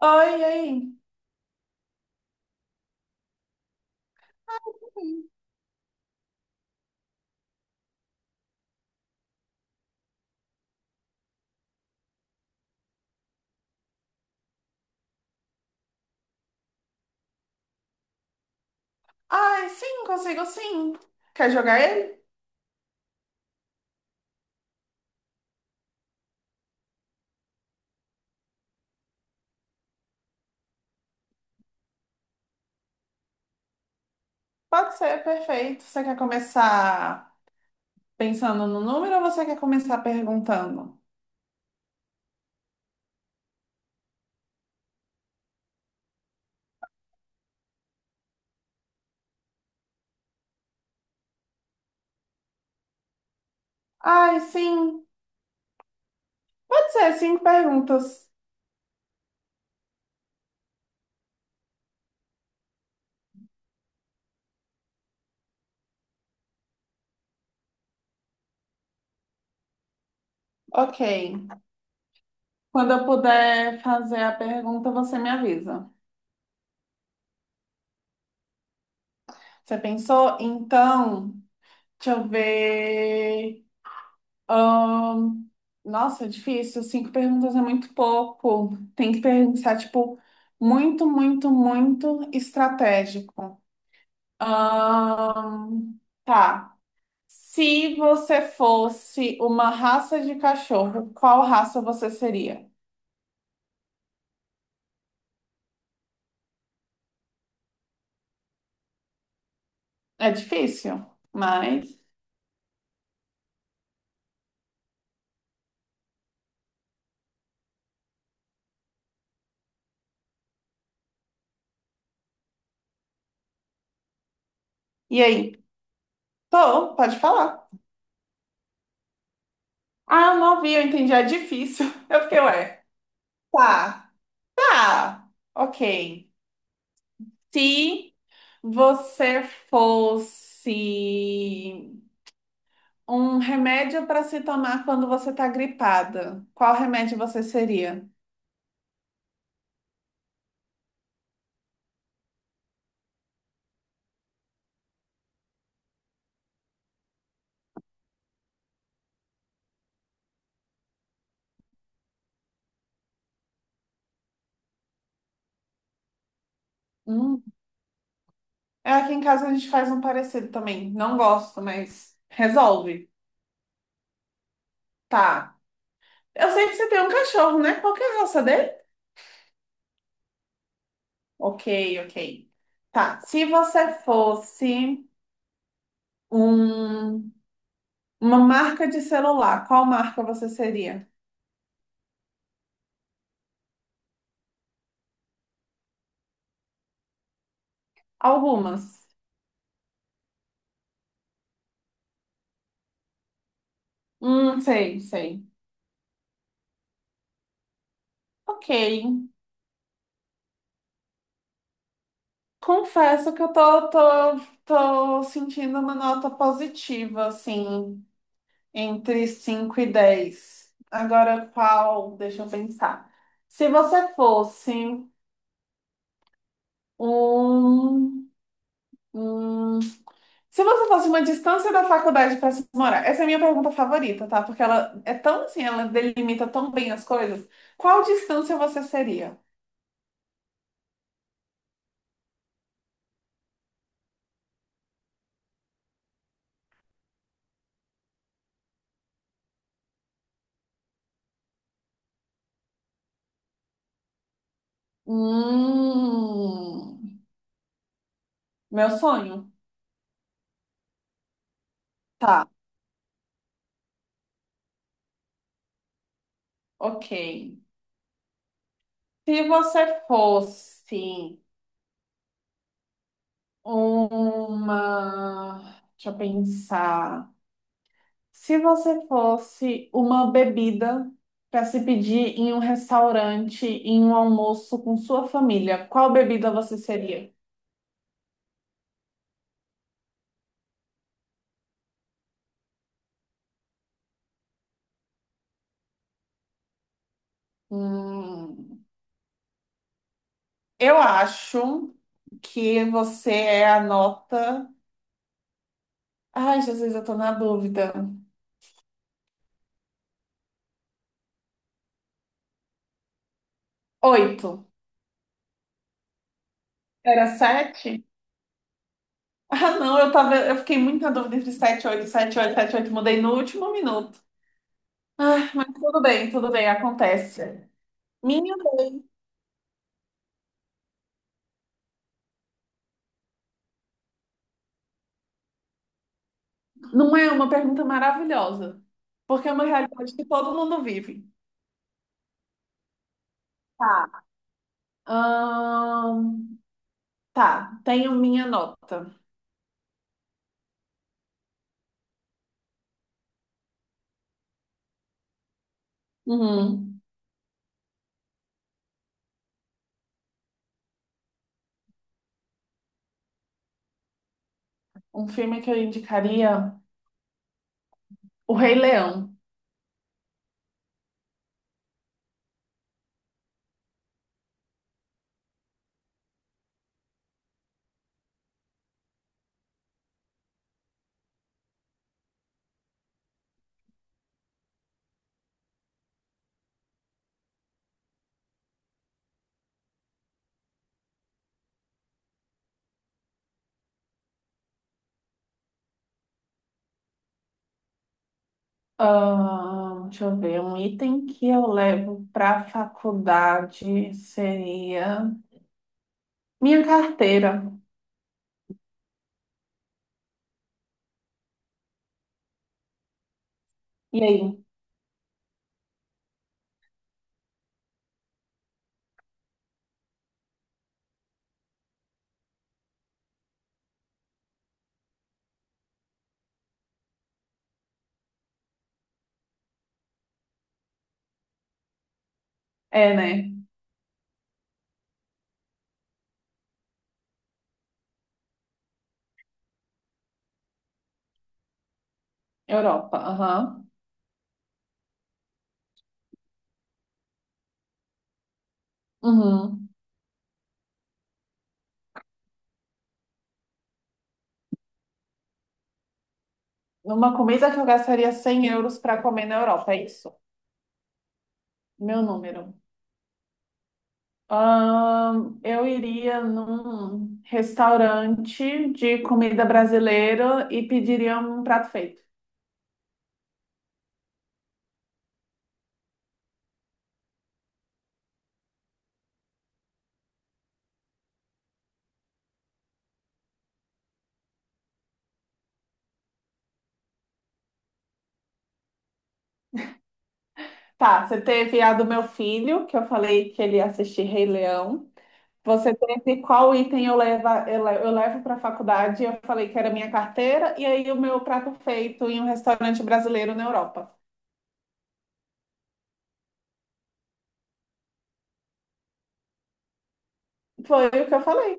Oi, e aí? Ai, sim, consigo sim. Quer jogar ele? Pode ser, perfeito. Você quer começar pensando no número ou você quer começar perguntando? Ai, sim. Pode ser, cinco perguntas. Ok. Quando eu puder fazer a pergunta, você me avisa. Você pensou? Então, deixa eu ver. Ahn, Nossa, é difícil. Cinco perguntas é muito pouco. Tem que pensar, tipo, muito, muito, muito estratégico. Ahn, tá. Se você fosse uma raça de cachorro, qual raça você seria? É difícil, mas. E aí? Tô, pode falar. Ah, não ouvi, eu entendi. É difícil. Eu fiquei, ué. Tá, tá. Ok. Se você fosse um remédio para se tomar quando você está gripada, qual remédio você seria? Hum. É, aqui em casa a gente faz um parecido também. Não gosto, mas resolve. Tá. Eu sei que você tem um cachorro, né? Qual que é a raça dele? Ok, ok. Tá. Se você fosse um- uma marca de celular, qual marca você seria? Algumas. Sei, sei. Ok. Confesso que eu tô sentindo uma nota positiva, assim, entre 5 e 10. Agora, qual? Deixa eu pensar. Se você fosse um, um- Se você fosse uma distância da faculdade para se morar, essa é a minha pergunta favorita, tá? Porque ela é tão assim, ela delimita tão bem as coisas. Qual distância você seria? Hum, meu sonho? Tá, ok. Se você fosse uma. Deixa eu pensar. Se você fosse uma bebida para se pedir em um restaurante, em um almoço com sua família, qual bebida você seria? Hum, eu acho que você é a nota. Ai, Jesus, eu tô na dúvida. Oito. Era sete? Ah, não, eu fiquei muito na dúvida entre sete, e oito, sete, oito, sete, oito. Mudei no último minuto. Ah, mas tudo bem, acontece. Minha não é uma pergunta maravilhosa, porque é uma realidade que todo mundo vive. Tá. Ahn, tá, tenho minha nota. Uhum. Um filme que eu indicaria, O Rei Leão. Deixa eu ver, um item que eu levo para faculdade seria minha carteira. E aí? É, né? Europa, aham. Uhum. Uma comida que eu gastaria 100 € para comer na Europa, é isso? Meu número. Eu iria num restaurante de comida brasileira e pediria um prato feito. Tá, você teve a do meu filho, que eu falei que ele ia assistir Rei Leão. Você teve qual item eu levo, eu levo para a faculdade? Eu falei que era minha carteira e aí o meu prato feito em um restaurante brasileiro na Europa. Foi o que eu falei.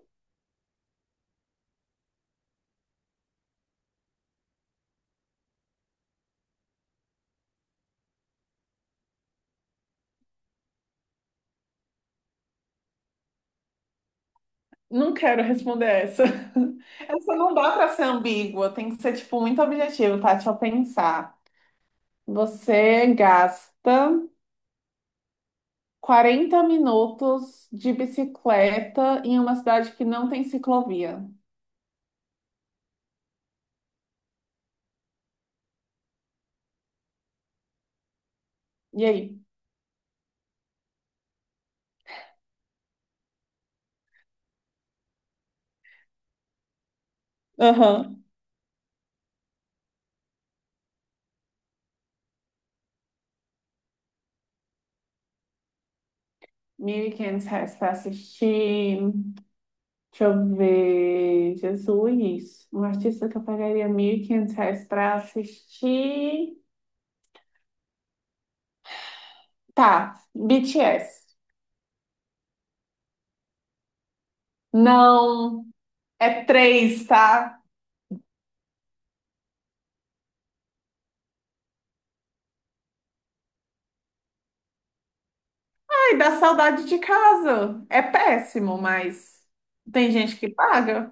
Não quero responder essa. Essa não dá para ser ambígua, tem que ser tipo muito objetivo, tá? Deixa eu pensar. Você gasta 40 minutos de bicicleta em uma cidade que não tem ciclovia. E aí? Aham. Mil e quinhentos reais pra assistir. Deixa eu ver. Jesus. Um artista que eu pagaria R$ 1.500 pra assistir. Tá. BTS. Não. É três, tá? Ai, dá saudade de casa. É péssimo, mas tem gente que paga.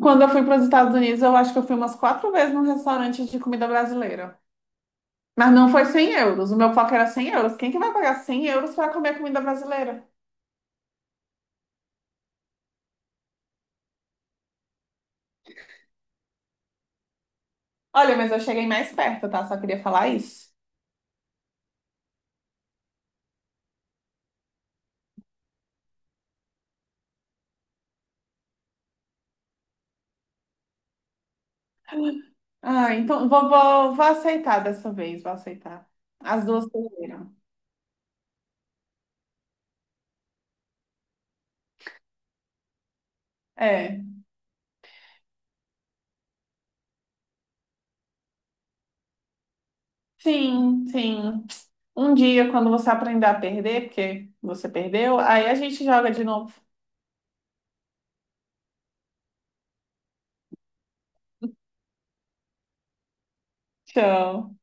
Quando eu fui para os Estados Unidos, eu acho que eu fui umas quatro vezes num restaurante de comida brasileira. Mas não foi 100 euros. O meu foco era 100 euros. Quem que vai pagar 100 € para comer comida brasileira? Olha, mas eu cheguei mais perto, tá? Só queria falar isso. Ah, então vou aceitar dessa vez, vou aceitar. As duas perderam. É, sim, sim. Um dia, quando você aprender a perder, porque você perdeu, aí a gente joga de novo. Tchau.